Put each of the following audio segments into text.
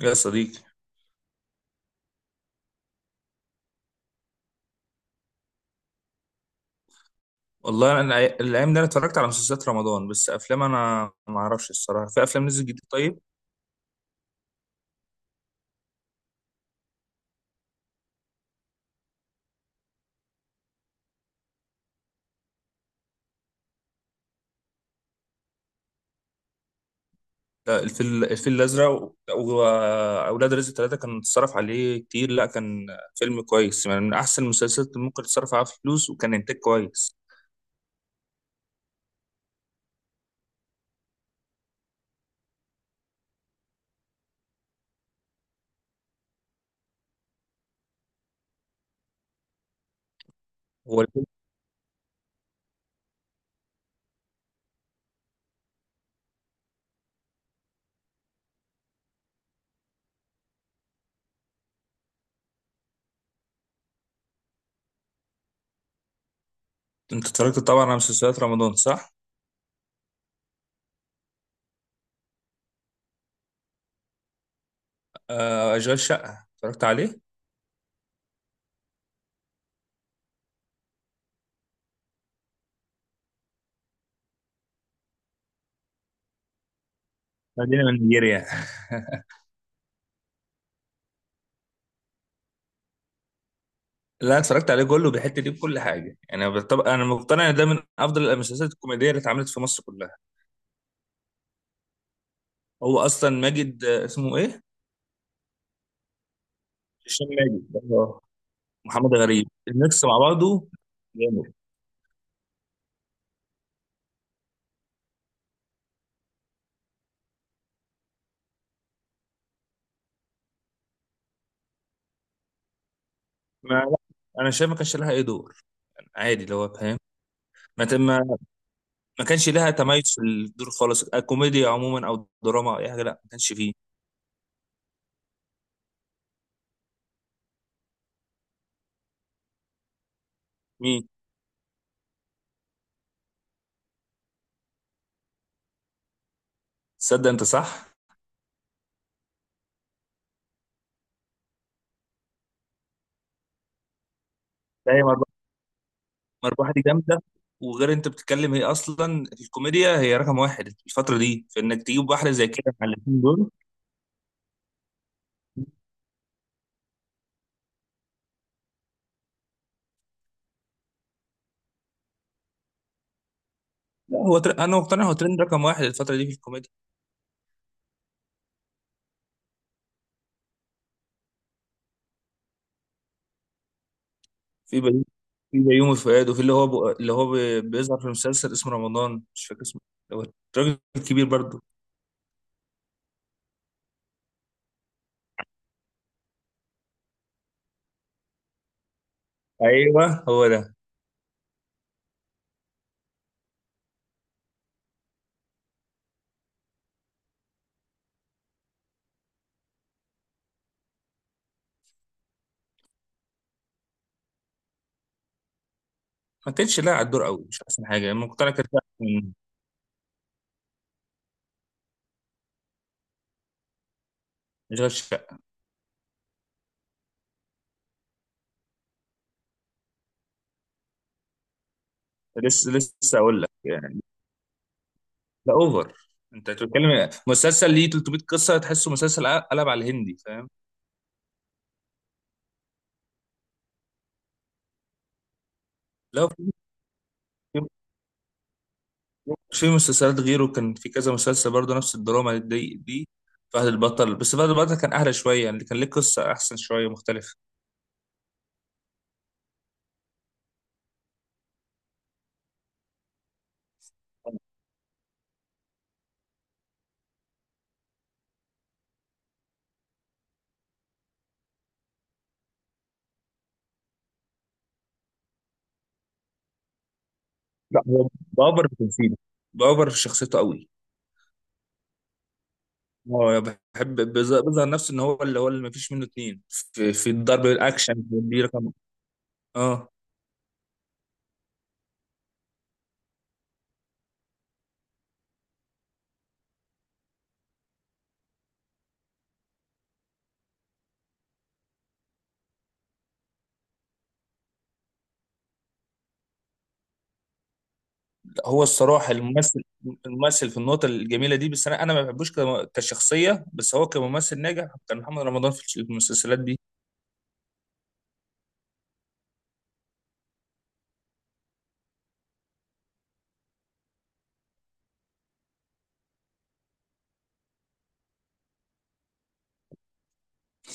يا صديقي، والله انا الايام دي انا اتفرجت على مسلسلات رمضان، بس افلام انا ما اعرفش الصراحه في افلام نزل جديد. طيب، لا الفيل الازرق واولاد رزق ثلاثه كان اتصرف عليه كتير. لا كان فيلم كويس يعني، من احسن المسلسلات اللي ممكن تتصرف عليها فلوس، وكان انتاج كويس. هو الفيلم- انت اتفرجت طبعا على مسلسلات رمضان، صح؟ اشغال شقه اتفرجت عليه. خلينا من نيجيريا. لا اتفرجت عليه كله، بيحط ليه بكل حاجه يعني. طب انا مقتنع ان ده من افضل المسلسلات الكوميديه اللي اتعملت في مصر كلها. هو اصلا ماجد، اسمه ايه؟ هشام ماجد، آه. محمد غريب، الميكس مع بعضه جامد. ما لا، انا شايف ما كانش لها اي دور عادي، اللي هو فاهم. ما ما ما كانش لها تميز في الدور خالص، كوميديا عموما او دراما او اي حاجه. لا ما كانش فيه. مين؟ تصدق انت صح، لا هي مربحه. مربحه دي جامده، وغير انت بتتكلم هي اصلا في الكوميديا هي رقم واحد الفتره دي، فانك تجيب واحده زي كده مع الاثنين دول. لا انا مقتنع هو ترند رقم واحد الفتره دي في الكوميديا. في بيومي في بيومي فؤاد، وفي اللي هو بيظهر في المسلسل اسمه رمضان، مش فاكر اسمه، هو الراجل الكبير برضه. ايوه هو ده. ما كانش لاعب على الدور قوي، مش احسن حاجه لما كنت. انا كنت من اشغال شقه. لسه اقول لك يعني، ده اوفر. انت بتتكلم مسلسل ليه 300 قصه، تحسه مسلسل قلب على الهندي، فاهم؟ لو في في مسلسلات غيره كان في كذا مسلسل برضه نفس الدراما دي. فهد البطل، بس فهد البطل كان اهدى شويه يعني، كان ليه قصه احسن شويه مختلفه. لا هو بأوفر في تمثيله، بأوفر في شخصيته قوي. هو بحب بيظهر نفسه ان هو اللي مفيش منه اتنين في الضرب الاكشن دي رقم. اه، لا، هو الصراحه الممثل في النقطه الجميله دي. بس انا ما بحبوش كشخصيه، بس هو كممثل ناجح كان محمد رمضان في المسلسلات دي.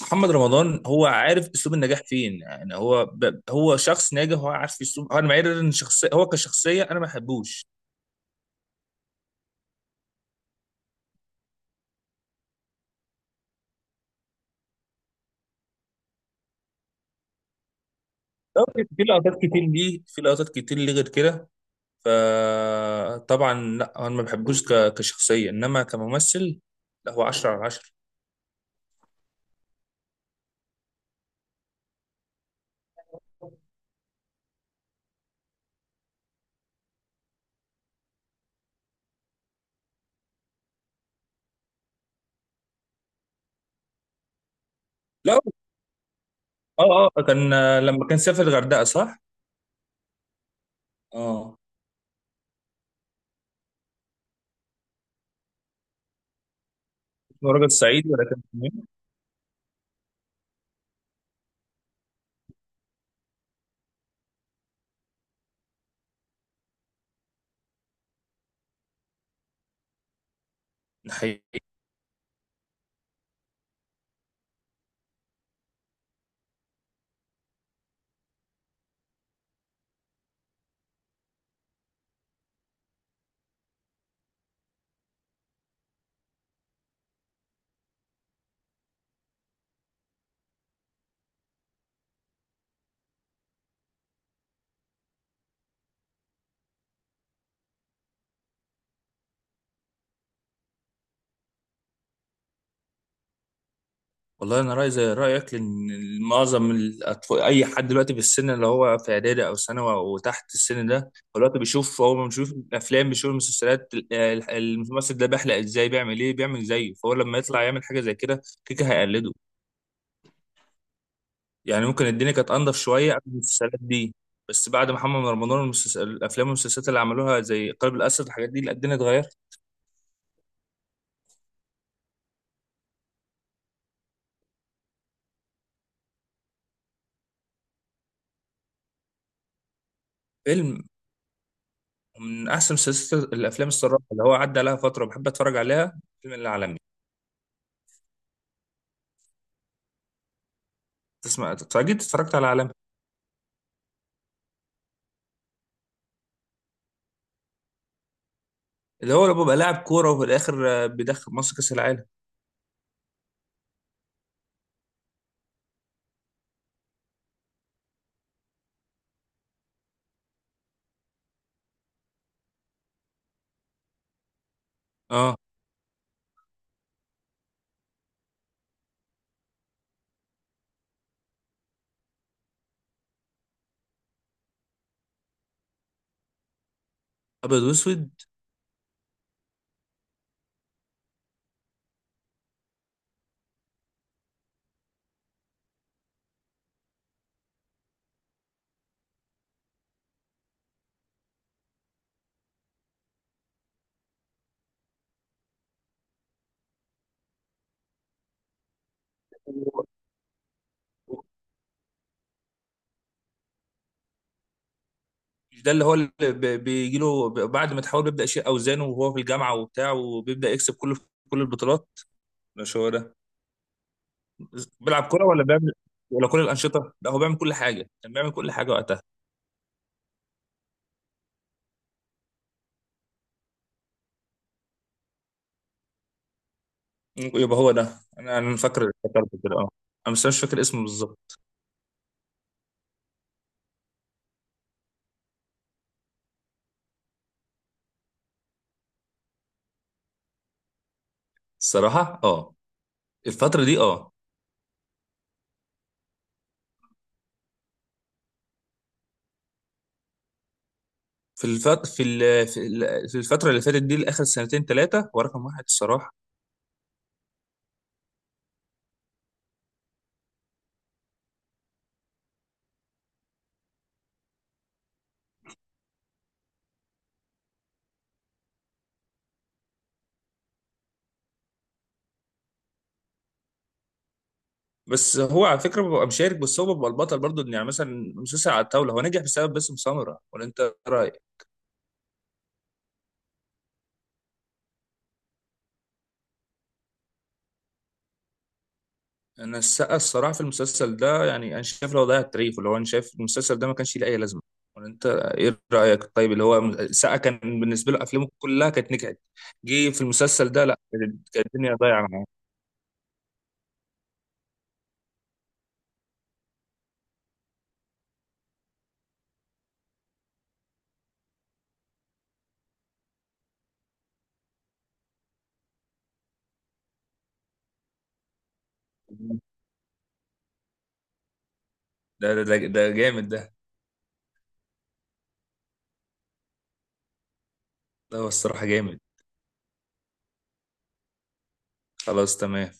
محمد رمضان هو عارف اسلوب النجاح فين يعني، هو شخص ناجح، هو عارف اسلوب. انا معير ان شخصيه هو كشخصيه انا ما بحبوش. طب في لقطات كتير ليه، في لقطات كتير ليه غير كده. فطبعا لا انا ما بحبوش كشخصيه انما كممثل. لا هو 10 على 10. لا، اه كان، لما كان سافر الغردقه، صح؟ اه، اسمه راجل صعيدي ولا كان اسمه إيه؟ حقيقي. والله انا رايي زي رايك، لان معظم الاطفال اي حد دلوقتي في السن اللي هو في اعدادي او ثانوي وتحت السن ده، هو دلوقتي بيشوف، هو بيشوف الافلام بيشوف المسلسلات، الممثل ده بيحلق ازاي، بيعمل ايه، بيعمل زيه، فهو لما يطلع يعمل حاجه زي كده كيكه هيقلده. يعني ممكن الدنيا كانت انضف شويه قبل المسلسلات دي، بس بعد محمد رمضان المسلسل، الافلام والمسلسلات اللي عملوها زي قلب الاسد الحاجات دي، لا الدنيا اتغيرت. فيلم؟ من احسن مسلسلات الافلام الصراحه اللي هو عدى عليها فتره بحب اتفرج عليها فيلم العالمي. تسمع، اكيد اتفرجت على العالمي، اللي هو لما بيبقى لاعب كوره، وفي الاخر بيدخل مصر كاس العالم. اه، ابيض واسود. مش ده اللي هو بيجي له بعد ما تحاول بيبدا يشيل اوزانه وهو في الجامعه وبتاع، وبيبدا يكسب كله في كل البطولات. مش هو ده؟ بيلعب كرة ولا بيعمل، ولا كل الأنشطة؟ لا هو بيعمل كل حاجة، كان بيعمل كل حاجة وقتها. يبقى هو ده، أنا فاكر، فكرت كده أه. أنا بس مش فاكر اسمه بالظبط. الصراحة أه، الفترة دي أه. في الفت... في ال... في ال- في الفترة اللي فاتت دي لآخر سنتين ثلاثة هو رقم واحد الصراحة. بس هو على فكرة ببقى مشارك، بس هو بيبقى البطل برضه. إن يعني مثلا مسلسل على الطاولة هو نجح بسبب باسم سمرة، ولا أنت رأيك؟ انا السقا الصراحه في المسلسل ده، يعني انا شايف لو ضيع التاريخ، اللي هو انا شايف المسلسل ده ما كانش ليه اي لازمه. ولا انت ايه رايك؟ طيب اللي هو السقا كان بالنسبه له افلامه كلها كانت نجحت، جه في المسلسل ده لا، كانت الدنيا ضايعه معاه. ده جامد ده. ده هو الصراحه جامد. خلاص تمام.